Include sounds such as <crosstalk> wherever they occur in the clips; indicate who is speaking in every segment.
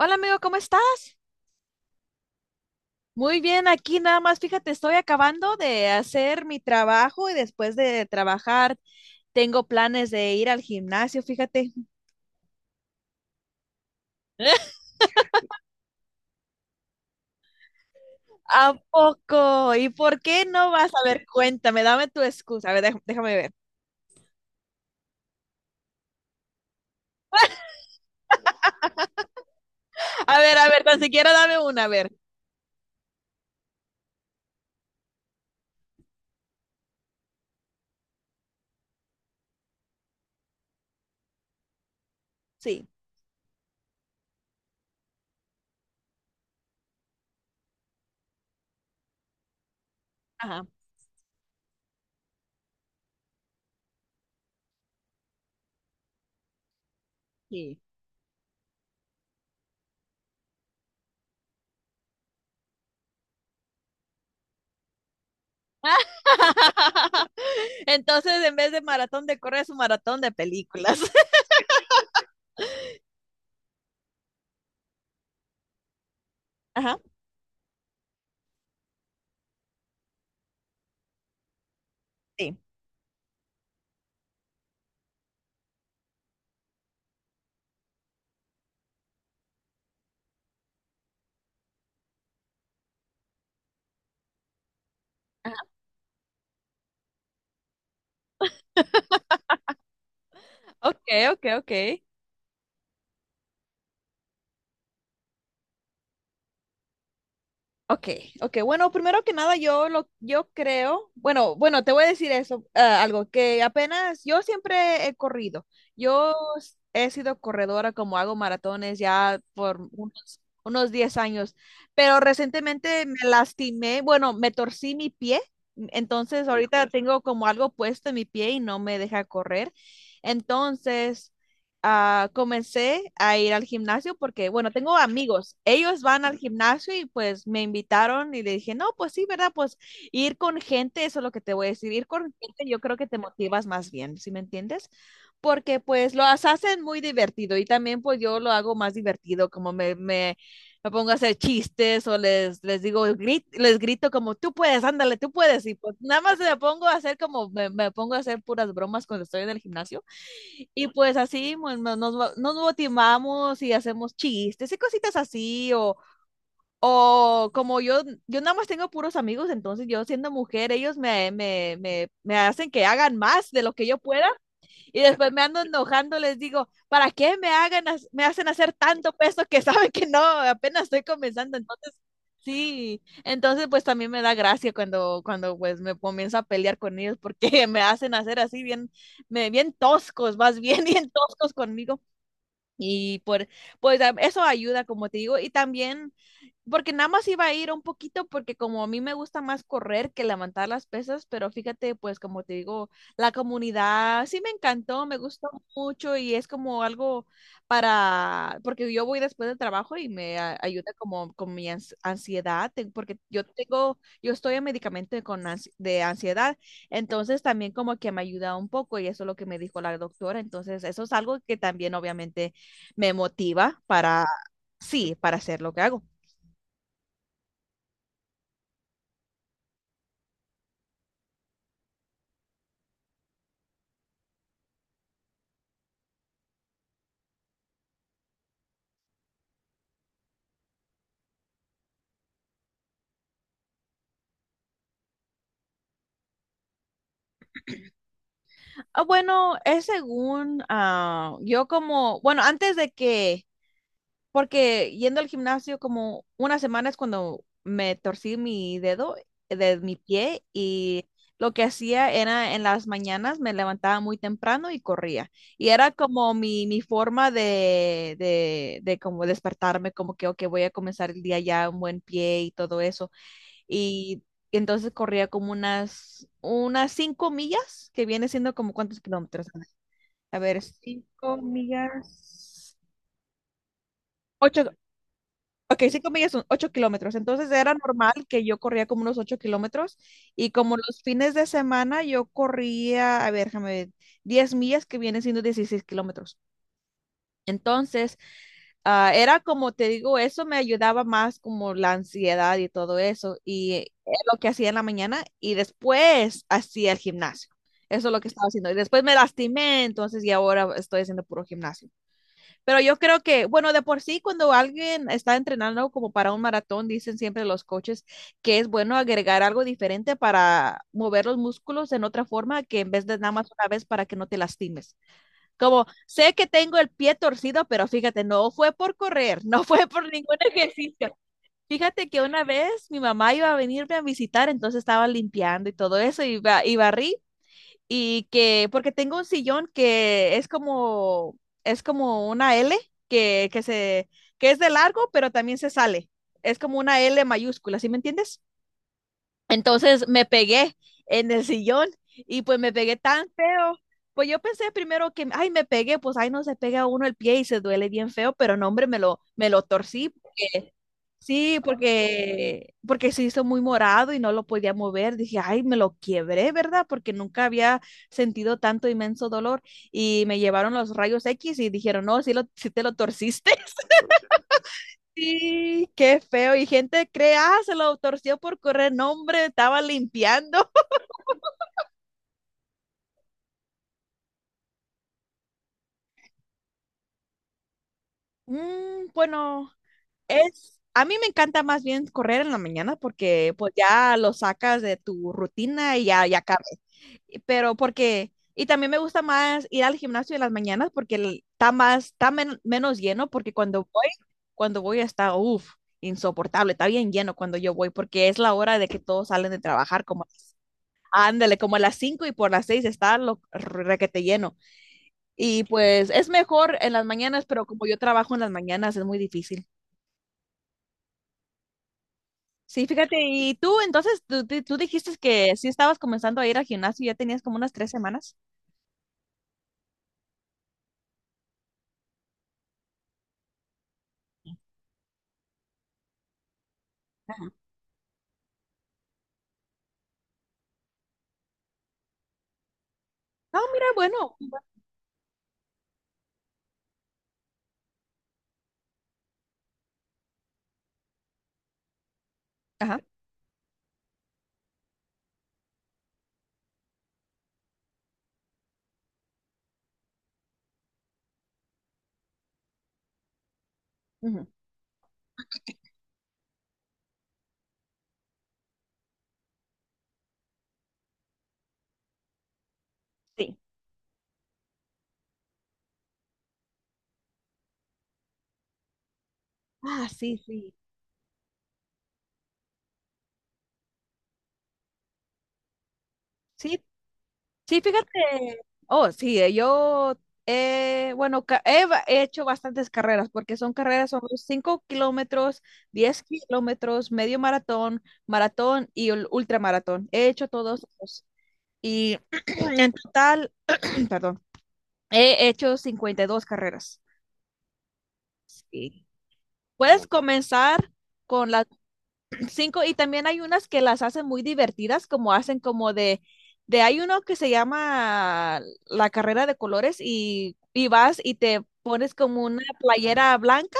Speaker 1: Hola amigo, ¿cómo estás? Muy bien, aquí nada más, fíjate, estoy acabando de hacer mi trabajo y después de trabajar tengo planes de ir al gimnasio, fíjate. <laughs> ¿A poco? ¿Y por qué no vas? A ver, cuéntame, dame tu excusa. A ver, déjame, déjame ver. A ver, a ver, tan siquiera dame una, a ver. Sí, ajá, sí. <laughs> Entonces, en vez de maratón de correr, es un maratón de películas. <laughs> Ajá, sí. Ajá. Ok, ok, ok. Ok, ok. Bueno, primero que nada, yo creo, bueno, bueno, te voy a decir eso, algo que apenas, yo siempre he corrido. He sido corredora, como hago maratones ya por unos 10 años, pero recientemente me lastimé, bueno, me torcí mi pie, entonces ahorita, híjole, tengo como algo puesto en mi pie y no me deja correr. Entonces, comencé a ir al gimnasio porque, bueno, tengo amigos, ellos van al gimnasio y pues me invitaron y le dije, no, pues sí, ¿verdad? Pues ir con gente, eso es lo que te voy a decir, ir con gente yo creo que te motivas más bien, ¿sí me entiendes? Porque pues lo hacen muy divertido y también pues yo lo hago más divertido, como me pongo a hacer chistes o les digo, les grito como, tú puedes, ándale, tú puedes, y pues nada más me pongo a hacer como, me pongo a hacer puras bromas cuando estoy en el gimnasio. Y pues así nos motivamos y hacemos chistes y cositas así, o como yo nada más tengo puros amigos, entonces yo siendo mujer, ellos me hacen que hagan más de lo que yo pueda y después me ando enojando, les digo, ¿para qué me hagan, me hacen hacer tanto peso que <laughs> saben que no, apenas estoy comenzando? Entonces, sí, entonces pues también me da gracia cuando pues me comienzo a pelear con ellos porque <laughs> me hacen hacer así bien, bien toscos, más bien <laughs> bien toscos conmigo. Y por, pues eso ayuda, como te digo, y también, porque nada más iba a ir un poquito, porque como a mí me gusta más correr que levantar las pesas, pero fíjate, pues como te digo, la comunidad sí me encantó, me gustó mucho y es como algo para, porque yo voy después del trabajo y me ayuda como con mi ansiedad, porque yo estoy en medicamento con de ansiedad. Entonces también como que me ayuda un poco y eso es lo que me dijo la doctora. Entonces eso es algo que también obviamente me motiva para, sí, para hacer lo que hago. Ah, bueno, es según yo como, bueno, antes de que, porque yendo al gimnasio como una semana es cuando me torcí mi dedo de mi pie y lo que hacía era en las mañanas me levantaba muy temprano y corría. Y era como mi forma de como despertarme, como que, ok, voy a comenzar el día ya un buen pie y todo eso. Y entonces corría como unas 5 millas, que viene siendo como cuántos kilómetros. A ver, 5 millas, ocho, ok, 5 millas son 8 kilómetros. Entonces era normal que yo corría como unos 8 kilómetros y como los fines de semana yo corría, a ver, déjame ver, 10 millas, que viene siendo 16 kilómetros. Entonces, era como te digo, eso me ayudaba más como la ansiedad y todo eso. Y lo que hacía en la mañana y después hacía el gimnasio. Eso es lo que estaba haciendo. Y después me lastimé, entonces y ahora estoy haciendo puro gimnasio. Pero yo creo que, bueno, de por sí, cuando alguien está entrenando como para un maratón, dicen siempre los coaches que es bueno agregar algo diferente para mover los músculos en otra forma que en vez de nada más una vez para que no te lastimes. Como, sé que tengo el pie torcido, pero fíjate, no fue por correr, <laughs> no fue por ningún ejercicio. Fíjate que una vez mi mamá iba a venirme a visitar, entonces estaba limpiando y todo eso, y barrí, y que, porque tengo un sillón que es como una L, que, que se, que es de largo, pero también se sale. Es como una L mayúscula, ¿sí me entiendes? Entonces me pegué en el sillón y pues me pegué tan feo. Pues yo pensé primero que, ay, me pegué, pues ay, no se pega uno el pie y se duele bien feo, pero no, hombre, me lo torcí porque, sí, porque se hizo muy morado y no lo podía mover. Dije, ay, me lo quiebré, ¿verdad? Porque nunca había sentido tanto inmenso dolor y me llevaron los rayos X y dijeron, no, sí, sí te lo torciste. <laughs> Sí, qué feo. Y gente cree, ah, se lo torció por correr. No, hombre, estaba limpiando. Mm, bueno, a mí me encanta más bien correr en la mañana porque pues ya lo sacas de tu rutina y ya cabe. Pero porque, y también me gusta más ir al gimnasio en las mañanas porque está menos lleno porque cuando voy está, uff, insoportable, está bien lleno cuando yo voy porque es la hora de que todos salen de trabajar como, ándale, como a las 5 y por las 6 está lo requete lleno. Y pues es mejor en las mañanas, pero como yo trabajo en las mañanas es muy difícil. Sí, fíjate, y tú entonces, tú dijiste que sí estabas comenzando a ir al gimnasio, ya tenías como unas 3 semanas. Ajá. Ah, mira, bueno. Ajá. Ujú, sí. Ah, sí, sí. Sí, sí, fíjate. Oh, sí, bueno, he hecho bastantes carreras, porque son carreras, son 5 kilómetros, 10 kilómetros, medio maratón, maratón y ultramaratón. He hecho todos esos. Y <clears throat> en total, <clears throat> perdón, he hecho 52 carreras. Sí. Puedes comenzar con las cinco y también hay unas que las hacen muy divertidas, como hacen como de hay uno que se llama la carrera de colores y vas y te pones como una playera blanca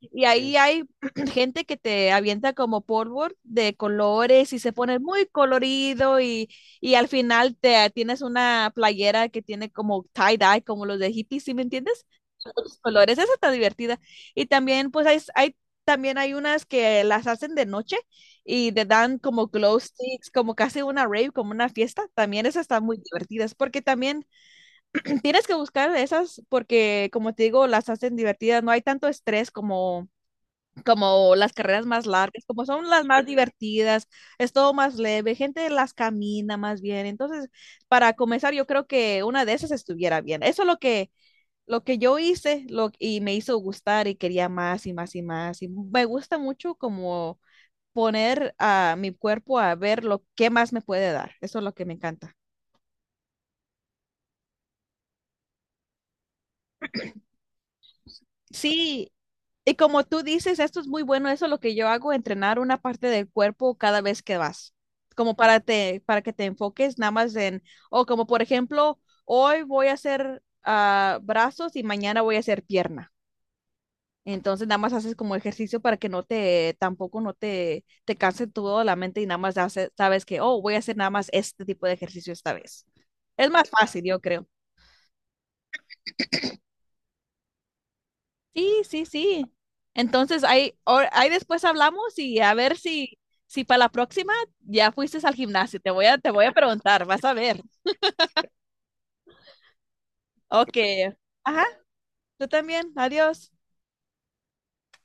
Speaker 1: y ahí hay <clears throat> gente que te avienta como polvo de colores y se pone muy colorido y al final te tienes una playera que tiene como tie-dye, como los de hippies, ¿sí me entiendes? Los colores, esa está divertida. Y también pues hay unas que las hacen de noche y te dan como glow sticks, como casi una rave, como una fiesta. También esas están muy divertidas porque también <clears throat> tienes que buscar esas porque, como te digo, las hacen divertidas. No hay tanto estrés como las carreras más largas, como son las más divertidas, es todo más leve, gente las camina más bien. Entonces, para comenzar, yo creo que una de esas estuviera bien. Eso es lo que yo hice y me hizo gustar y quería más y más y más. Y me gusta mucho como poner a mi cuerpo a ver lo que más me puede dar. Eso es lo que me encanta. Sí, y como tú dices, esto es muy bueno, eso es lo que yo hago, entrenar una parte del cuerpo cada vez que vas, como para que te enfoques nada más en, o como por ejemplo, hoy voy a hacer brazos y mañana voy a hacer pierna. Entonces nada más haces como ejercicio para que tampoco no te canse todo la mente y nada más sabes que, oh, voy a hacer nada más este tipo de ejercicio esta vez. Es más fácil, yo creo. Sí, sí, sí. Entonces, ahí después hablamos y a ver si para la próxima ya fuiste al gimnasio. Te voy a preguntar, vas a ver. Ok. Ajá, tú también. Adiós.